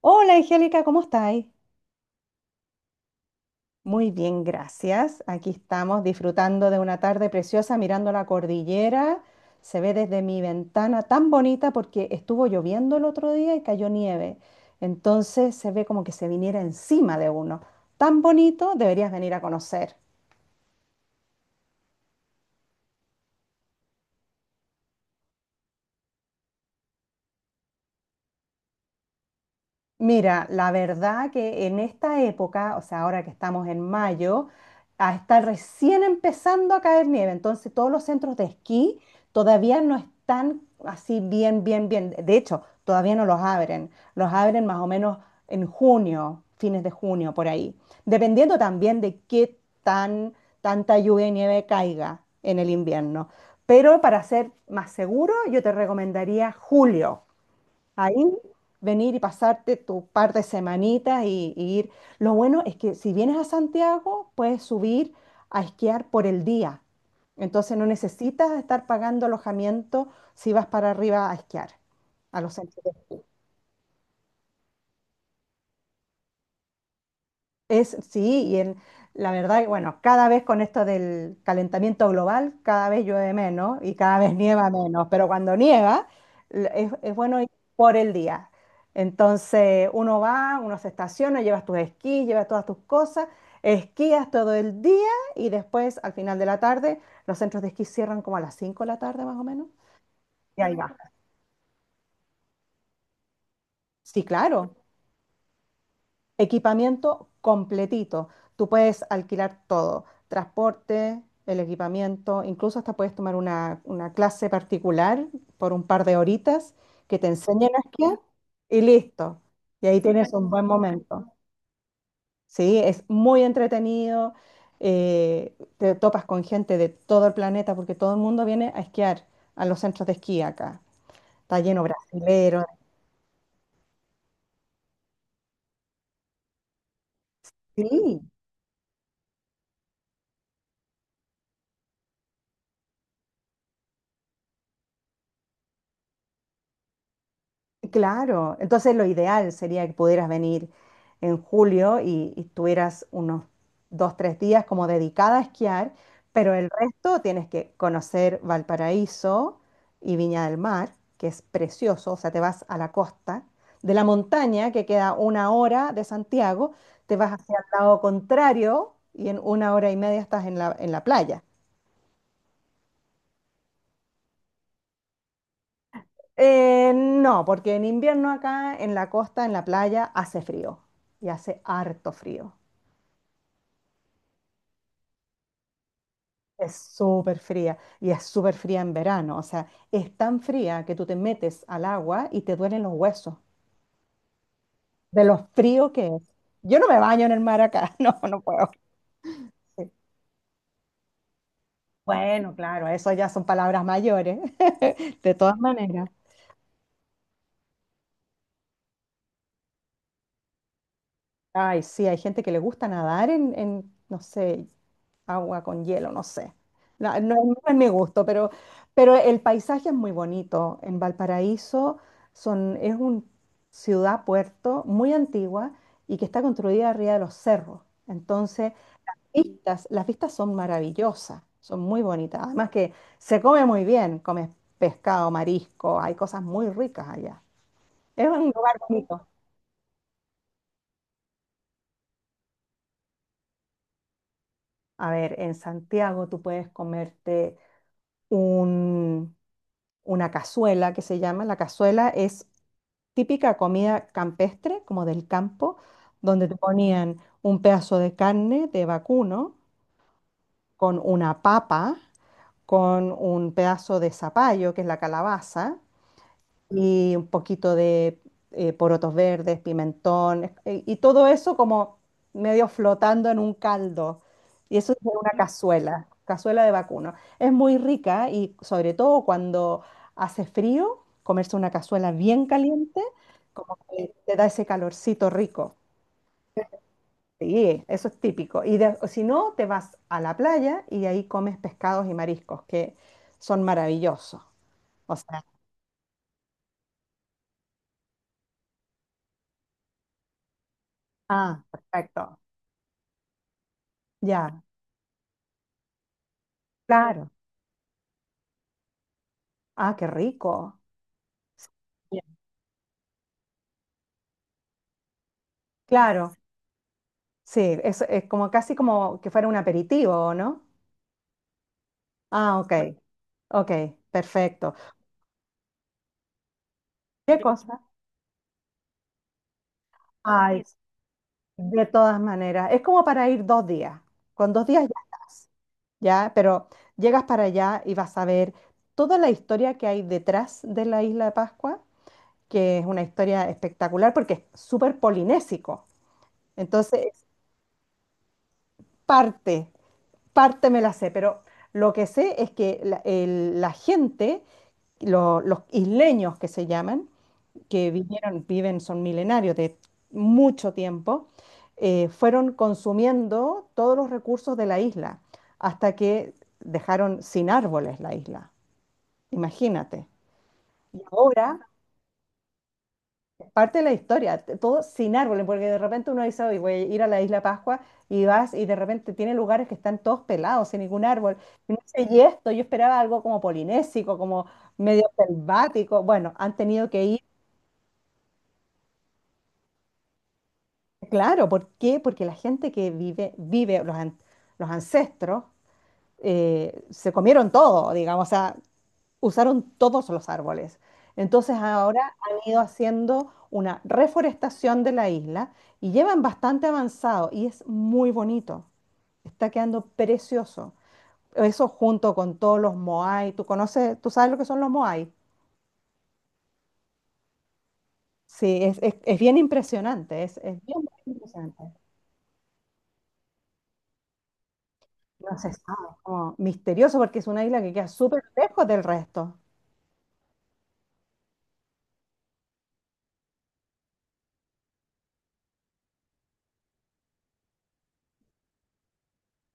Hola Angélica, ¿cómo estáis? Muy bien, gracias. Aquí estamos disfrutando de una tarde preciosa mirando la cordillera. Se ve desde mi ventana tan bonita porque estuvo lloviendo el otro día y cayó nieve. Entonces se ve como que se viniera encima de uno. Tan bonito, deberías venir a conocer. Mira, la verdad que en esta época, o sea, ahora que estamos en mayo, está recién empezando a caer nieve, entonces todos los centros de esquí todavía no están así bien, bien, bien. De hecho, todavía no los abren. Los abren más o menos en junio, fines de junio, por ahí. Dependiendo también de qué tan tanta lluvia y nieve caiga en el invierno. Pero para ser más seguro, yo te recomendaría julio. Ahí venir y pasarte tu par de semanitas y, ir. Lo bueno es que si vienes a Santiago, puedes subir a esquiar por el día. Entonces no necesitas estar pagando alojamiento si vas para arriba a esquiar, a los centros. Es, sí, y la verdad, que, bueno, cada vez con esto del calentamiento global, cada vez llueve menos y cada vez nieva menos, pero cuando nieva es, bueno ir por el día. Entonces uno va, uno se estaciona, llevas tus esquís, llevas todas tus cosas, esquías todo el día y después al final de la tarde los centros de esquí cierran como a las 5 de la tarde más o menos. Y ahí va. Sí, claro. Equipamiento completito. Tú puedes alquilar todo, transporte, el equipamiento, incluso hasta puedes tomar una, clase particular por un par de horitas que te enseñen a esquiar y listo. Y ahí tienes un buen momento. Sí, es muy entretenido. Te topas con gente de todo el planeta porque todo el mundo viene a esquiar a los centros de esquí acá. Está lleno brasilero. Sí. Claro, entonces lo ideal sería que pudieras venir en julio y, tuvieras unos 3 días como dedicada a esquiar, pero el resto tienes que conocer Valparaíso y Viña del Mar, que es precioso, o sea, te vas a la costa de la montaña, que queda una hora de Santiago, te vas hacia el lado contrario y en una hora y media estás en la, playa. No, porque en invierno acá en la costa, en la playa, hace frío y hace harto frío. Es súper fría y es súper fría en verano. O sea, es tan fría que tú te metes al agua y te duelen los huesos de lo frío que es. Yo no me baño en el mar acá, no, no puedo. Sí. Bueno, claro, eso ya son palabras mayores, de todas maneras. Ay, sí, hay gente que le gusta nadar en, no sé, agua con hielo, no sé. No, no es mi gusto, pero, el paisaje es muy bonito. En Valparaíso es una ciudad, puerto muy antigua y que está construida arriba de los cerros. Entonces, las vistas son maravillosas, son muy bonitas. Además que se come muy bien, comes pescado, marisco, hay cosas muy ricas allá. Es un lugar bonito. A ver, en Santiago tú puedes comerte un una cazuela que se llama. La cazuela es típica comida campestre, como del campo, donde te ponían un pedazo de carne de vacuno con una papa, con un pedazo de zapallo, que es la calabaza, y un poquito de porotos verdes, pimentón, y todo eso como medio flotando en un caldo. Y eso es una cazuela, cazuela de vacuno. Es muy rica y sobre todo cuando hace frío, comerse una cazuela bien caliente, como que te da ese calorcito rico. Sí, eso es típico. O si no, te vas a la playa y ahí comes pescados y mariscos, que son maravillosos. O sea, ah, perfecto. Ya, claro. Ah, qué rico. Bien. Claro, sí, es como casi como que fuera un aperitivo, ¿no? Ah, ok, ok, perfecto. ¿Qué cosa? Ay, de todas maneras, es como para ir 2 días. Con 2 días ya estás, ¿ya? Pero llegas para allá y vas a ver toda la historia que hay detrás de la isla de Pascua, que es una historia espectacular porque es súper polinésico. Entonces, es parte me la sé, pero lo que sé es que la gente, los isleños que se llaman, que vivieron, viven, son milenarios de mucho tiempo, fueron consumiendo todos los recursos de la isla hasta que dejaron sin árboles la isla. Imagínate. Y ahora parte de la historia, todo sin árboles, porque de repente uno dice, hoy voy a ir a la Isla Pascua y vas y de repente tiene lugares que están todos pelados, sin ningún árbol. Y no sé, y esto, yo esperaba algo como polinésico, como medio selvático. Bueno, han tenido que ir, claro, ¿por qué? Porque la gente que vive, los ancestros, se comieron todo, digamos, o sea, usaron todos los árboles. Entonces ahora han ido haciendo una reforestación de la isla y llevan bastante avanzado y es muy bonito. Está quedando precioso. Eso junto con todos los moai. ¿Tú conoces, tú sabes lo que son los moai? Sí, es bien impresionante, es bien, bien impresionante. No se sabe, es como misterioso porque es una isla que queda súper lejos del resto.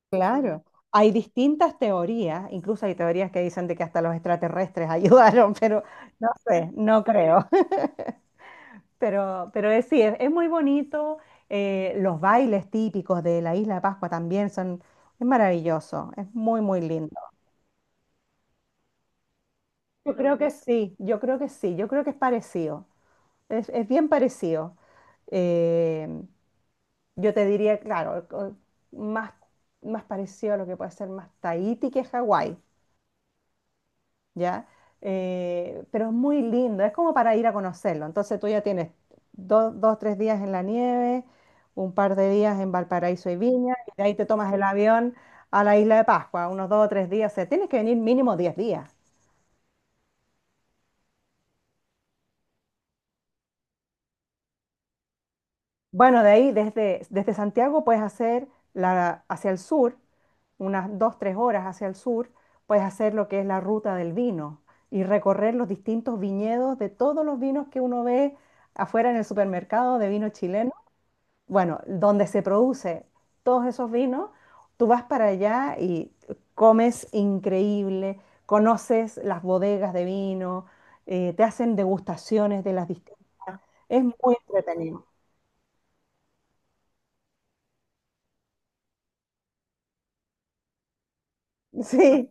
Claro, hay distintas teorías, incluso hay teorías que dicen de que hasta los extraterrestres ayudaron, pero no sé, no creo. Pero es, sí, es muy bonito, los bailes típicos de la Isla de Pascua también es maravilloso, es muy, muy lindo. Yo creo que sí, yo creo que sí, yo creo que es parecido, es bien parecido. Eh, yo te diría, claro, más, más parecido a lo que puede ser más Tahití que Hawái. ¿Ya? Pero es muy lindo, es como para ir a conocerlo. Entonces tú ya tienes dos, tres días en la nieve, un par de días en Valparaíso y Viña, y de ahí te tomas el avión a la isla de Pascua, unos dos o 3 días, o sea, tienes que venir mínimo 10 días. Bueno, de ahí desde Santiago puedes hacer hacia el sur, unas dos, 3 horas hacia el sur, puedes hacer lo que es la ruta del vino y recorrer los distintos viñedos de todos los vinos que uno ve afuera en el supermercado de vino chileno. Bueno, donde se produce todos esos vinos, tú vas para allá y comes increíble, conoces las bodegas de vino, te hacen degustaciones de las distintas. Es muy entretenido. Sí.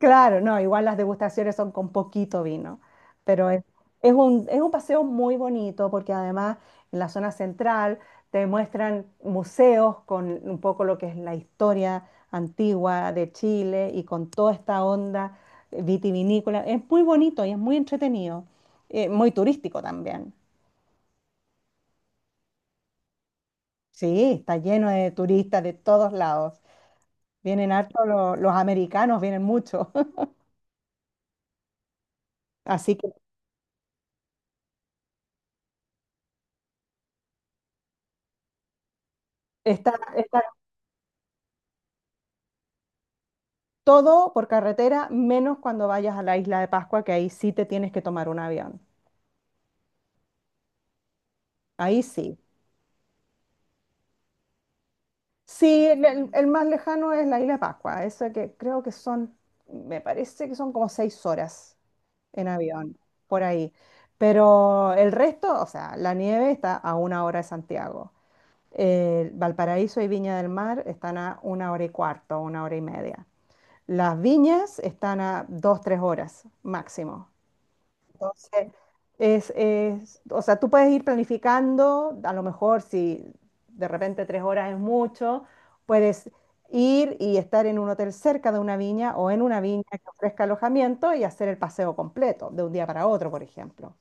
Claro, no, igual las degustaciones son con poquito vino, pero es un paseo muy bonito porque además en la zona central te muestran museos con un poco lo que es la historia antigua de Chile y con toda esta onda vitivinícola. Es muy bonito y es muy entretenido, muy turístico también. Sí, está lleno de turistas de todos lados. Vienen harto los americanos, vienen mucho. Así que está, está todo por carretera, menos cuando vayas a la isla de Pascua, que ahí sí te tienes que tomar un avión. Ahí sí. Sí, el más lejano es la isla de Pascua, eso que creo que me parece que son como 6 horas en avión, por ahí. Pero el resto, o sea, la nieve está a una hora de Santiago. Valparaíso y Viña del Mar están a una hora y cuarto, una hora y media. Las viñas están a dos, 3 horas máximo. Entonces, o sea, tú puedes ir planificando, a lo mejor si de repente 3 horas es mucho, puedes ir y estar en un hotel cerca de una viña o en una viña que ofrezca alojamiento y hacer el paseo completo de un día para otro, por ejemplo.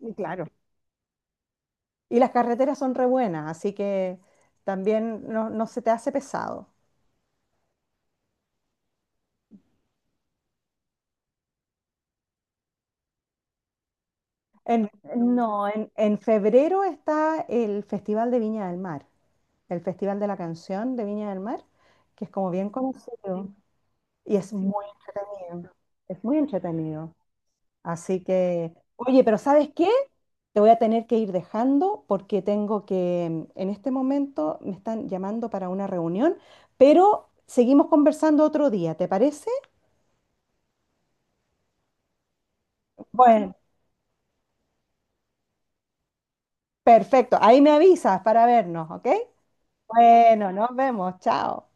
Y claro. Y las carreteras son re buenas, así que también no, no se te hace pesado. En, no, en febrero está el Festival de Viña del Mar. El Festival de la Canción de Viña del Mar, que es como bien conocido y es muy entretenido. Es muy entretenido. Así que, oye, pero ¿sabes qué? Te voy a tener que ir dejando porque tengo que, en este momento me están llamando para una reunión, pero seguimos conversando otro día, ¿te parece? Bueno, perfecto. Ahí me avisas para vernos, ¿ok? Bueno, nos vemos. Chao.